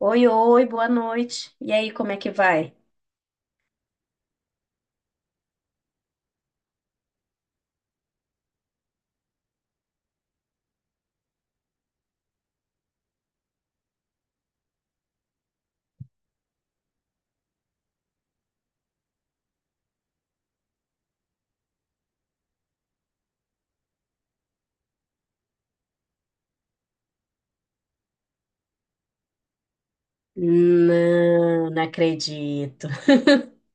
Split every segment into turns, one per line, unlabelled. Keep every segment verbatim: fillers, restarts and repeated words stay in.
Oi, oi, boa noite. E aí, como é que vai? Não, não acredito.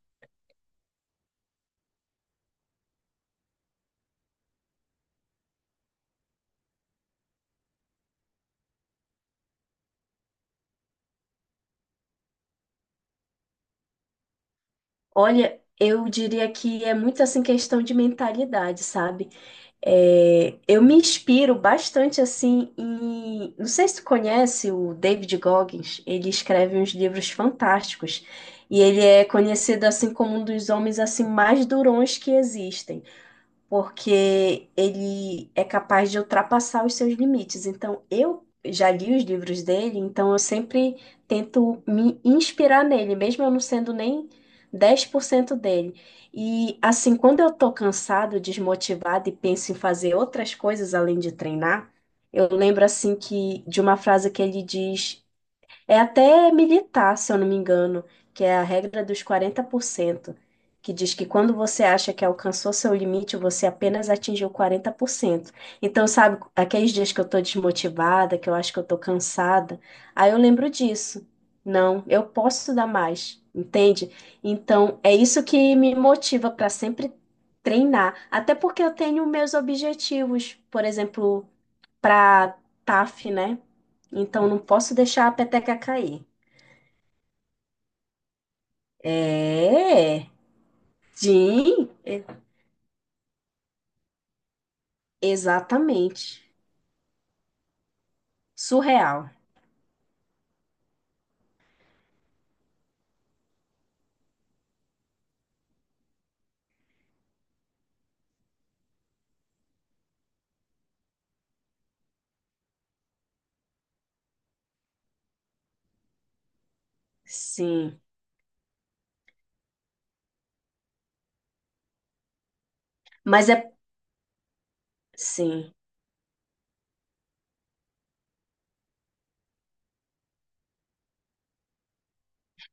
Olha, eu diria que é muito assim questão de mentalidade, sabe? É, eu me inspiro bastante assim em. Não sei se tu conhece o David Goggins, ele escreve uns livros fantásticos e ele é conhecido assim como um dos homens assim mais durões que existem. Porque ele é capaz de ultrapassar os seus limites. Então, eu já li os livros dele, então eu sempre tento me inspirar nele, mesmo eu não sendo nem dez por cento dele. E assim, quando eu tô cansado, desmotivado e penso em fazer outras coisas além de treinar, eu lembro assim que de uma frase que ele diz é até militar, se eu não me engano, que é a regra dos quarenta por cento, que diz que quando você acha que alcançou seu limite, você apenas atingiu quarenta por cento. Então, sabe, aqueles dias que eu tô desmotivada, que eu acho que eu tô cansada, aí eu lembro disso. Não, eu posso dar mais, entende? Então, é isso que me motiva para sempre treinar, até porque eu tenho meus objetivos, por exemplo, para T A F, né? Então não posso deixar a peteca cair. É, sim, é- exatamente. Surreal. Sim, mas é sim.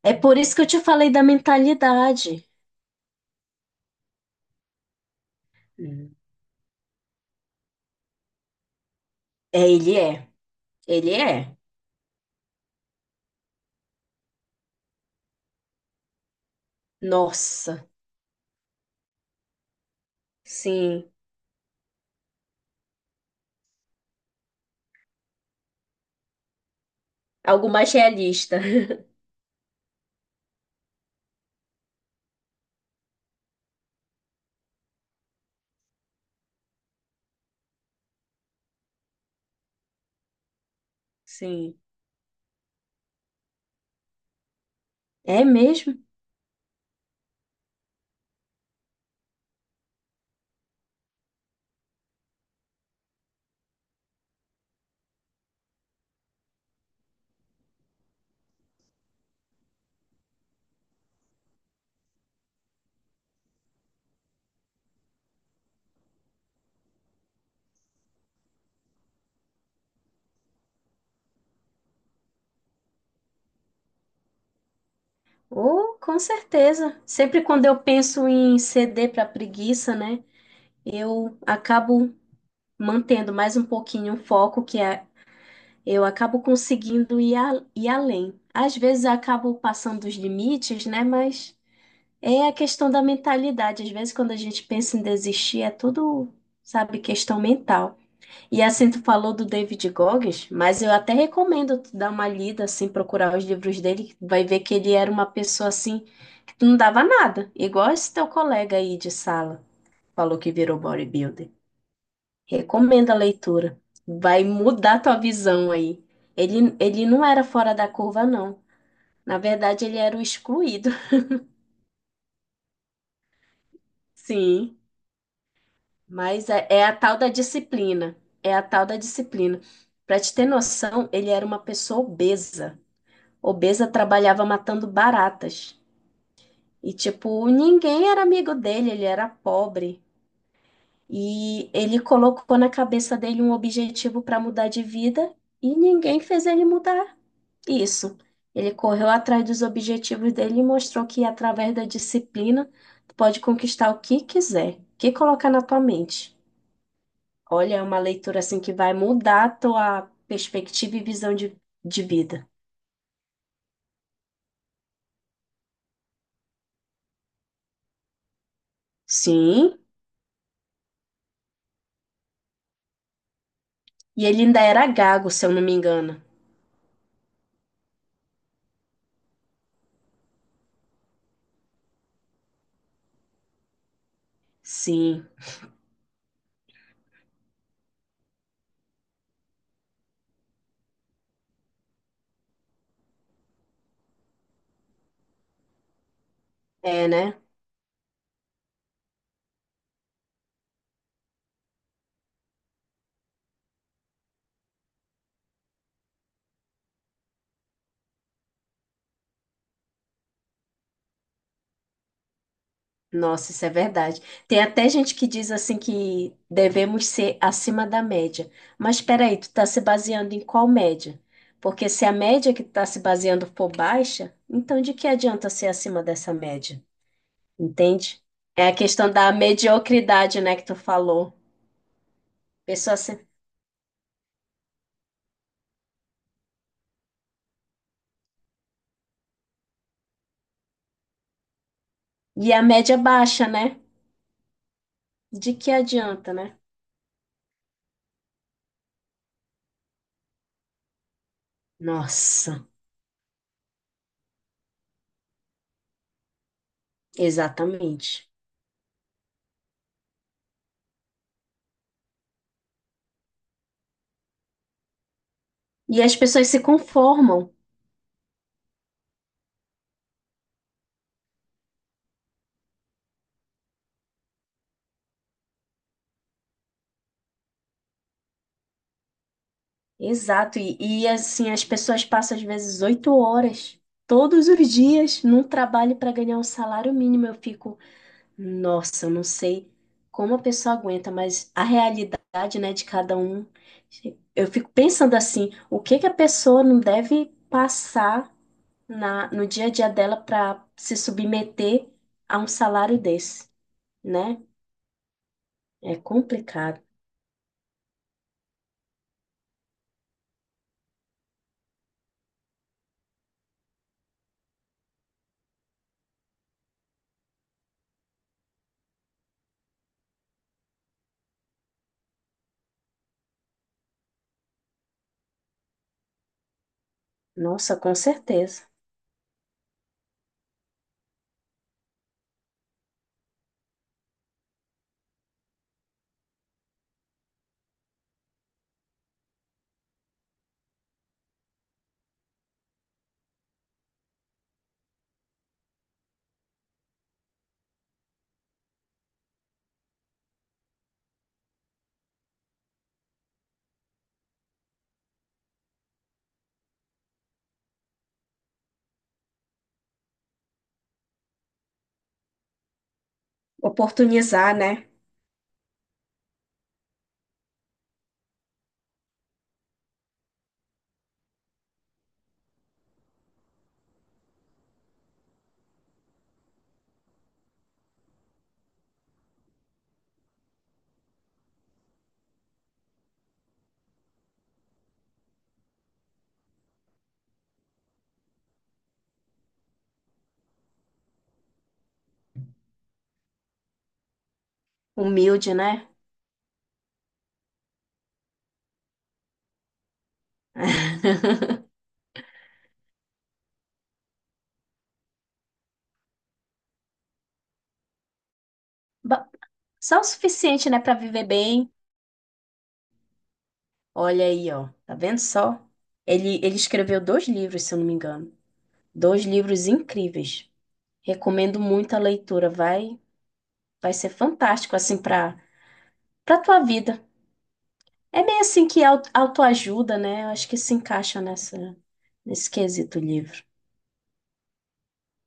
É por isso que eu te falei da mentalidade. Hum. É, ele é. Ele é. Nossa. Sim, algo mais realista. Sim. É mesmo? Oh, com certeza. Sempre quando eu penso em ceder para preguiça, né? Eu acabo mantendo mais um pouquinho o foco, que é, eu acabo conseguindo ir, a- ir além. Às vezes eu acabo passando dos limites, né? Mas é a questão da mentalidade. Às vezes, quando a gente pensa em desistir, é tudo, sabe, questão mental. E assim, tu falou do David Goggins, mas eu até recomendo tu dar uma lida, assim, procurar os livros dele, que tu vai ver que ele era uma pessoa, assim, que tu não dava nada, igual esse teu colega aí de sala, falou que virou bodybuilder. Recomendo a leitura. Vai mudar tua visão aí. Ele, ele não era fora da curva, não. Na verdade, ele era o excluído. Sim, mas é, é a tal da disciplina. É a tal da disciplina. Pra te ter noção, ele era uma pessoa obesa. Obesa trabalhava matando baratas. E, tipo, ninguém era amigo dele, ele era pobre. E ele colocou na cabeça dele um objetivo para mudar de vida e ninguém fez ele mudar. Isso. Ele correu atrás dos objetivos dele e mostrou que através da disciplina tu pode conquistar o que quiser, o que colocar na tua mente. Olha, é uma leitura assim que vai mudar a tua perspectiva e visão de, de vida. Sim. E ele ainda era gago, se eu não me engano. Sim. É, né? Nossa, isso é verdade. Tem até gente que diz assim que devemos ser acima da média. Mas espera aí, tu está se baseando em qual média? Porque se a média que tu está se baseando for baixa, então de que adianta ser acima dessa média? Entende? É a questão da mediocridade, né, que tu falou. Pessoa se- E a média baixa, né? De que adianta, né? Nossa, exatamente. E as pessoas se conformam. Exato, e, e assim, as pessoas passam às vezes oito horas todos os dias num trabalho para ganhar um salário mínimo. Eu fico, nossa, eu não sei como a pessoa aguenta, mas a realidade, né, de cada um, eu fico pensando assim, o que que a pessoa não deve passar na, no dia a dia dela para se submeter a um salário desse, né? É complicado. Nossa, com certeza. Oportunizar, né? Humilde, né? Ba- Só o suficiente, né, para viver bem. Olha aí, ó. Tá vendo só? Ele, ele escreveu dois livros, se eu não me engano. Dois livros incríveis. Recomendo muito a leitura. Vai, vai ser fantástico, assim, para para tua vida. É meio assim que au- autoajuda, né? Eu acho que se encaixa nessa, nesse quesito livro.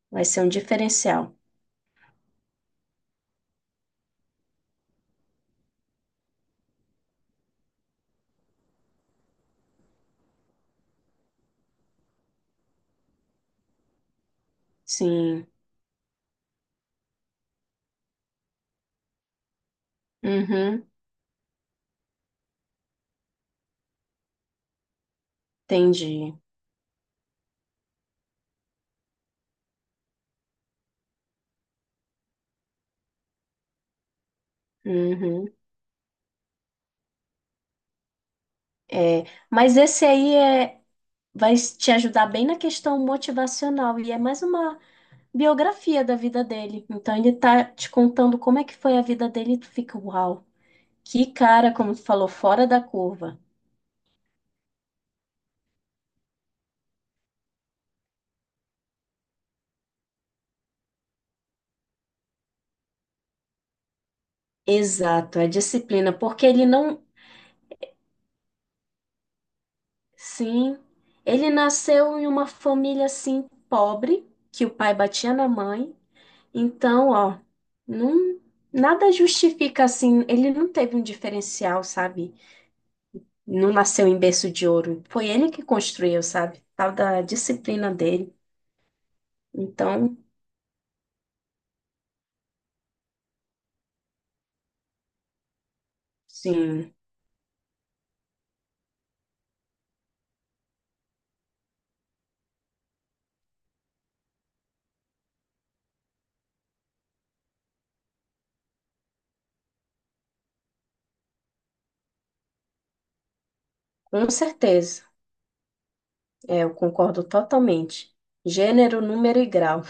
Vai ser um diferencial. Sim. Uhum. Entendi. Uhum. É, mas esse aí é, vai te ajudar bem na questão motivacional e é mais uma biografia da vida dele. Então ele tá te contando como é que foi a vida dele e tu fica, uau, que cara, como tu falou, fora da curva. Exato, é disciplina, porque ele não, sim, ele nasceu em uma família assim pobre, que o pai batia na mãe. Então, ó, não, nada justifica assim, ele não teve um diferencial, sabe? Não nasceu em berço de ouro. Foi ele que construiu, sabe? Tal da disciplina dele. Então, sim. Com certeza, é, eu concordo totalmente. Gênero, número e grau.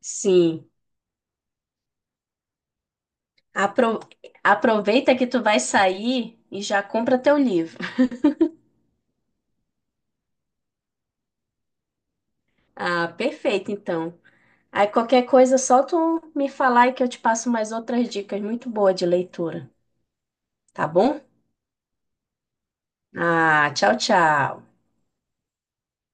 Sim, Apro- aproveita que tu vai sair e já compra teu livro. Ah, perfeito, então. Aí qualquer coisa, só tu me falar e que eu te passo mais outras dicas muito boas de leitura, tá bom? Ah, tchau, tchau.